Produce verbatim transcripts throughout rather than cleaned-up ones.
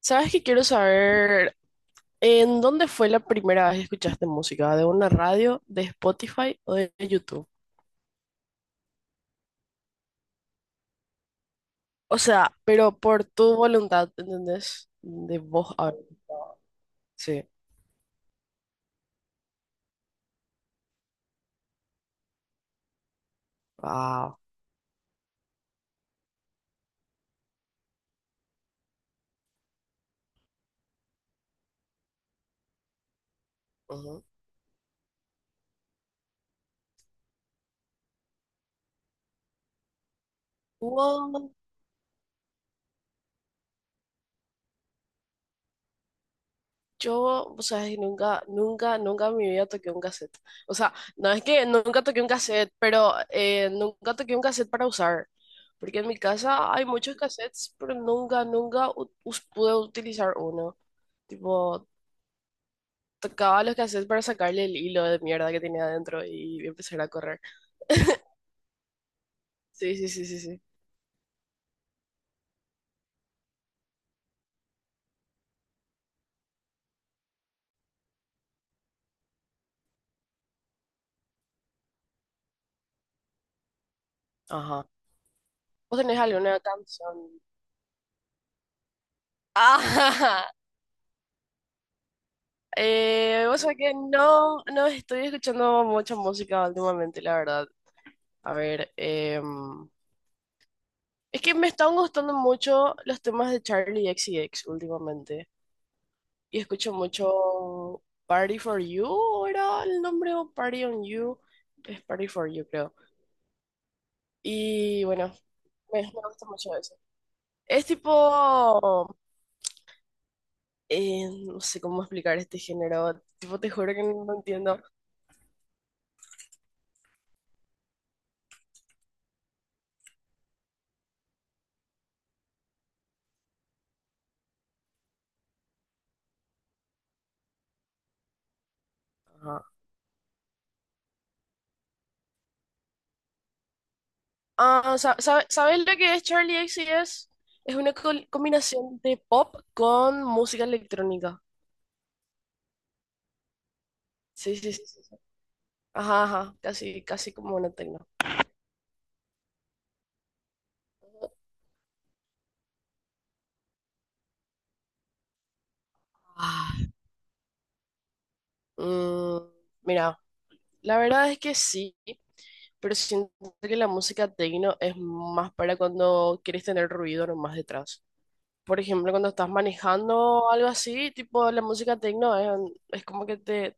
¿Sabes qué quiero saber? ¿En dónde fue la primera vez que escuchaste música? ¿De una radio, de Spotify o de YouTube? O sea, pero por tu voluntad, ¿entendés? De vos a- Sí. Ah. Ujú. Wow. Yo, o sea, nunca, nunca, nunca en mi vida toqué un cassette. O sea, no es que nunca toqué un cassette, pero eh, nunca toqué un cassette para usar. Porque en mi casa hay muchos cassettes, pero nunca, nunca u- us- pude utilizar uno. Tipo, tocaba los cassettes para sacarle el hilo de mierda que tenía adentro y empezar a correr. Sí, sí, sí, sí, sí. Ajá. ¿Vos tenés alguna canción? Ajá. Eh, vos sabés que no, no estoy escuchando mucha música últimamente, la verdad. A ver, em, es que me están gustando mucho los temas de Charlie X C X últimamente. Y escucho mucho Party for You, ¿o era el nombre o Party on You? Es Party for You, creo. Y bueno, me, me gusta mucho eso. Es tipo, eh, no sé cómo explicar este género, tipo, te juro que no entiendo. Ajá. Ah, sa- sabe- ¿sabes lo que es Charlie X XCX? Es una col- combinación de pop con música electrónica. Sí, sí, sí, sí, sí. Ajá, ajá, casi, casi como una tecno. Ah. Mm, mira, la verdad es que sí, pero siento que la música techno es más para cuando quieres tener ruido nomás detrás. Por ejemplo, cuando estás manejando o algo así, tipo la música techno es, es como que te,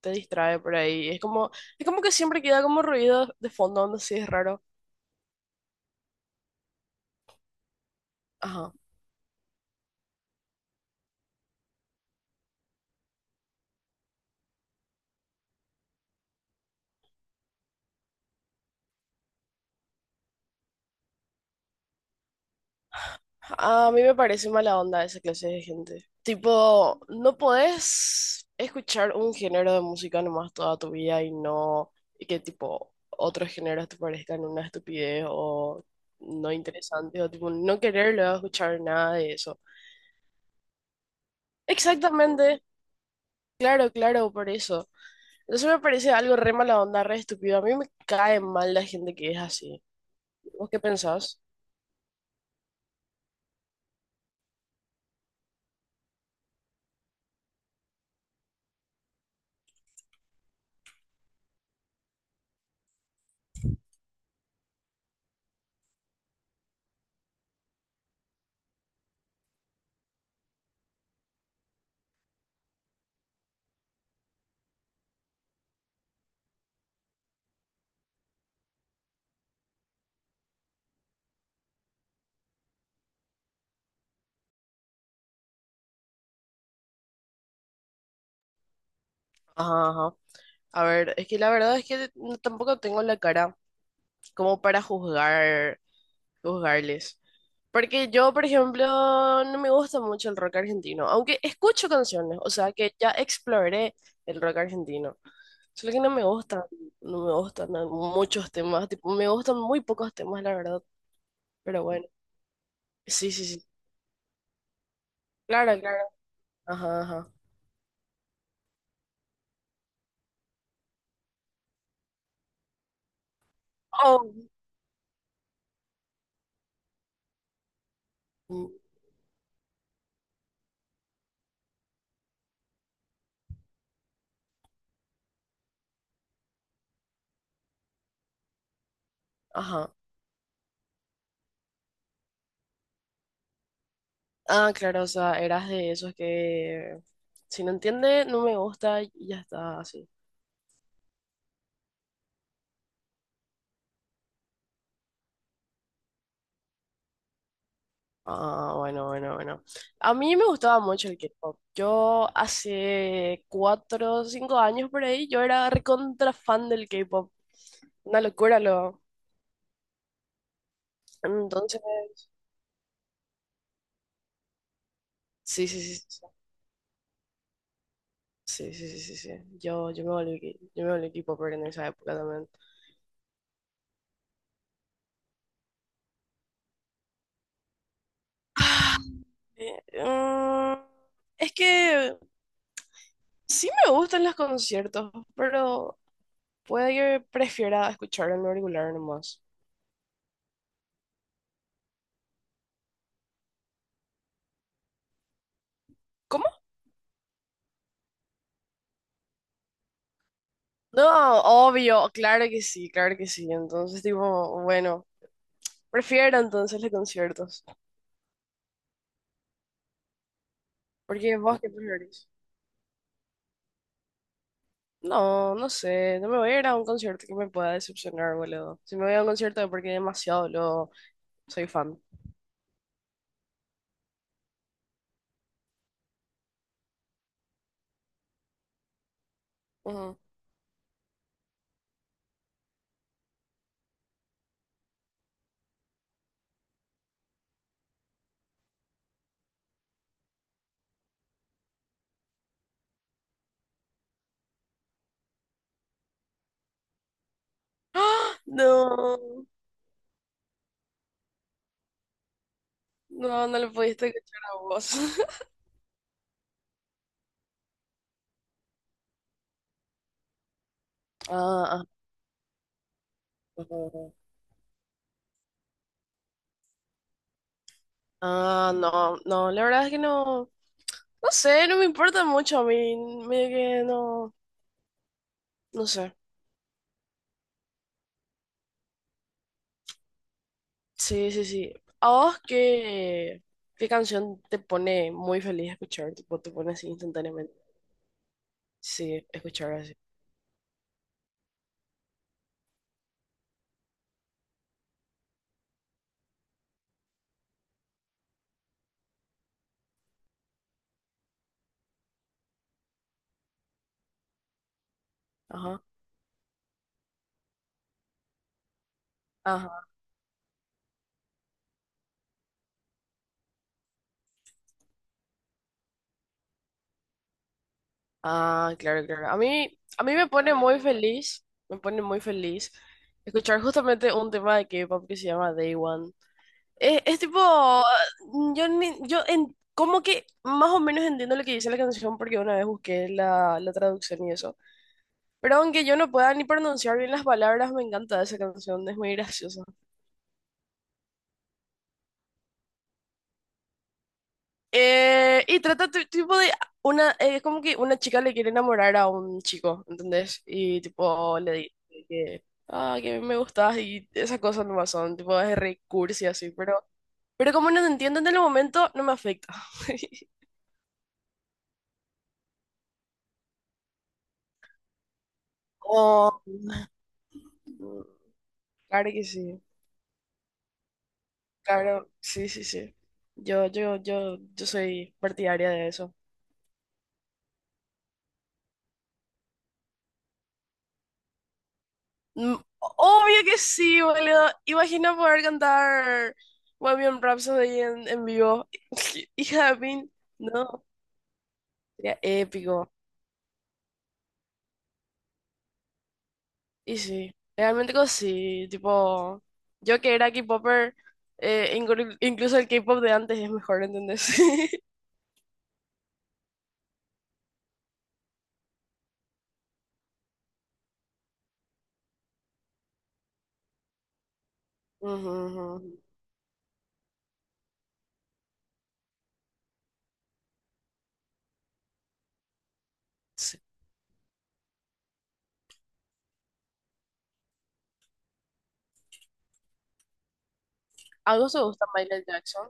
te distrae por ahí. Es como, es como que siempre queda como ruido de fondo, no sé, es raro. Ajá. A mí me parece mala onda esa clase de gente. Tipo, no podés escuchar un género de música nomás toda tu vida y no, y que tipo otros géneros te parezcan una estupidez o no interesante o tipo no querer luego escuchar nada de eso. Exactamente, claro, claro, por eso. Eso me parece algo re mala onda, re estúpido. A mí me cae mal la gente que es así. ¿Vos qué pensás? Ajá, ajá. A ver, es que la verdad es que no- tampoco tengo la cara como para juzgar, juzgarles. Porque yo, por ejemplo, no me gusta mucho el rock argentino, aunque escucho canciones, o sea que ya exploré el rock argentino. Solo que no me gustan, no me gustan a- muchos temas, tipo, me gustan muy pocos temas, la verdad. Pero bueno, sí, sí, sí. Claro, claro. Ajá, ajá. Oh. Ajá. Ah, claro, o sea, eras de esos que si no entiende, no me gusta y ya está así. Ah, bueno, bueno, bueno. A mí me gustaba mucho el K-pop. Yo hace cuatro o cinco años por ahí, yo era recontra fan del K-pop. Una locura lo. Entonces, sí, sí, sí, sí, sí, sí, sí, sí, sí. Yo, yo me volví, yo me volví K-popper en esa época también. Ah, eh, mm, es que sí me gustan los conciertos, pero puede que prefiera escucharlo en el auricular nomás. ¿Cómo? No, obvio, claro que sí, claro que sí. Entonces, tipo, bueno, prefiero entonces los conciertos. ¿Porque vos qué prefieres? No, no sé, no me voy a ir a un concierto que me pueda decepcionar, boludo. Si me voy a un concierto es porque demasiado lo soy fan. Ujú. ¡Ah! No, no, no lo pudiste escuchar a vos. Ah, ah, ah, ah, no, no, la verdad es que no. No sé, no me importa mucho a mí, medio que no, no sé. Sí, sí, sí. ¿A vos qué, qué canción te pone muy feliz escuchar? Tipo, te pone así instantáneamente. Sí, escuchar así. Ajá, ajá. Ah, claro, claro. A mí, a mí me pone muy feliz, me pone muy feliz escuchar justamente un tema de K-pop que se llama Day One. Es, es tipo, yo, ni- yo en, como que más o menos entiendo lo que dice la canción porque una vez busqué la, la traducción y eso. Pero aunque yo no pueda ni pronunciar bien las palabras, me encanta esa canción, es muy graciosa. Eh, y trata tu- tipo de una, eh, es como que una chica le quiere enamorar a un chico, ¿entendés? Y tipo le dice que, ah, que me gustas y esas cosas nomás son, tipo es re cursi así, pero, pero como no te entiendo en el momento, no me afecta. Oh, claro que sí, claro, sí, sí, sí. Yo, yo, yo, yo soy partidaria de eso. Mm, obvio que sí, boludo. Imagina poder cantar Bohemian Rhapsody en, en vivo. Hija de pin, no. Sería épico. Y sí, realmente que sí. Tipo, yo que era K-popper, eh, inclu- incluso el K-pop de antes es mejor, ¿entendés? Ujú, ujú. Sí. ¿Algo se gusta Michael Jackson?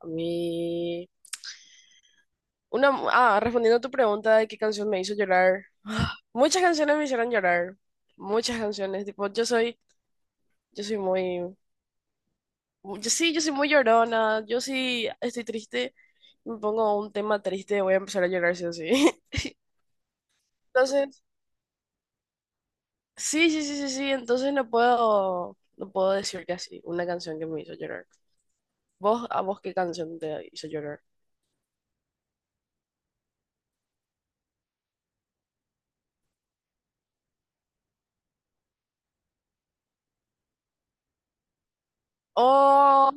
A mí... Una, ah, respondiendo a tu pregunta de qué canción me hizo llorar. Muchas canciones me hicieron llorar. Muchas canciones. Tipo, yo soy Yo soy muy, yo sí, yo soy muy llorona. Yo sí estoy triste, me pongo un tema triste, voy a empezar a llorar sí o sí. Entonces, sí, sí, sí, sí, sí. Entonces no puedo, no puedo decir que así, una canción que me hizo llorar. ¿Vos, a vos qué canción te hizo llorar? Oh,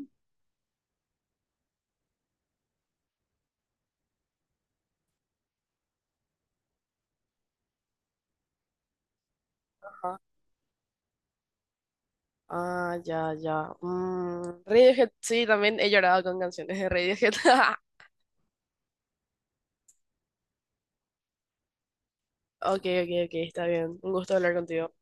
ajá. Ah, ya, ya. Mm, Radiohead, sí, también he llorado con canciones de Radiohead. Ok, ok, ok, está bien. Un gusto hablar contigo.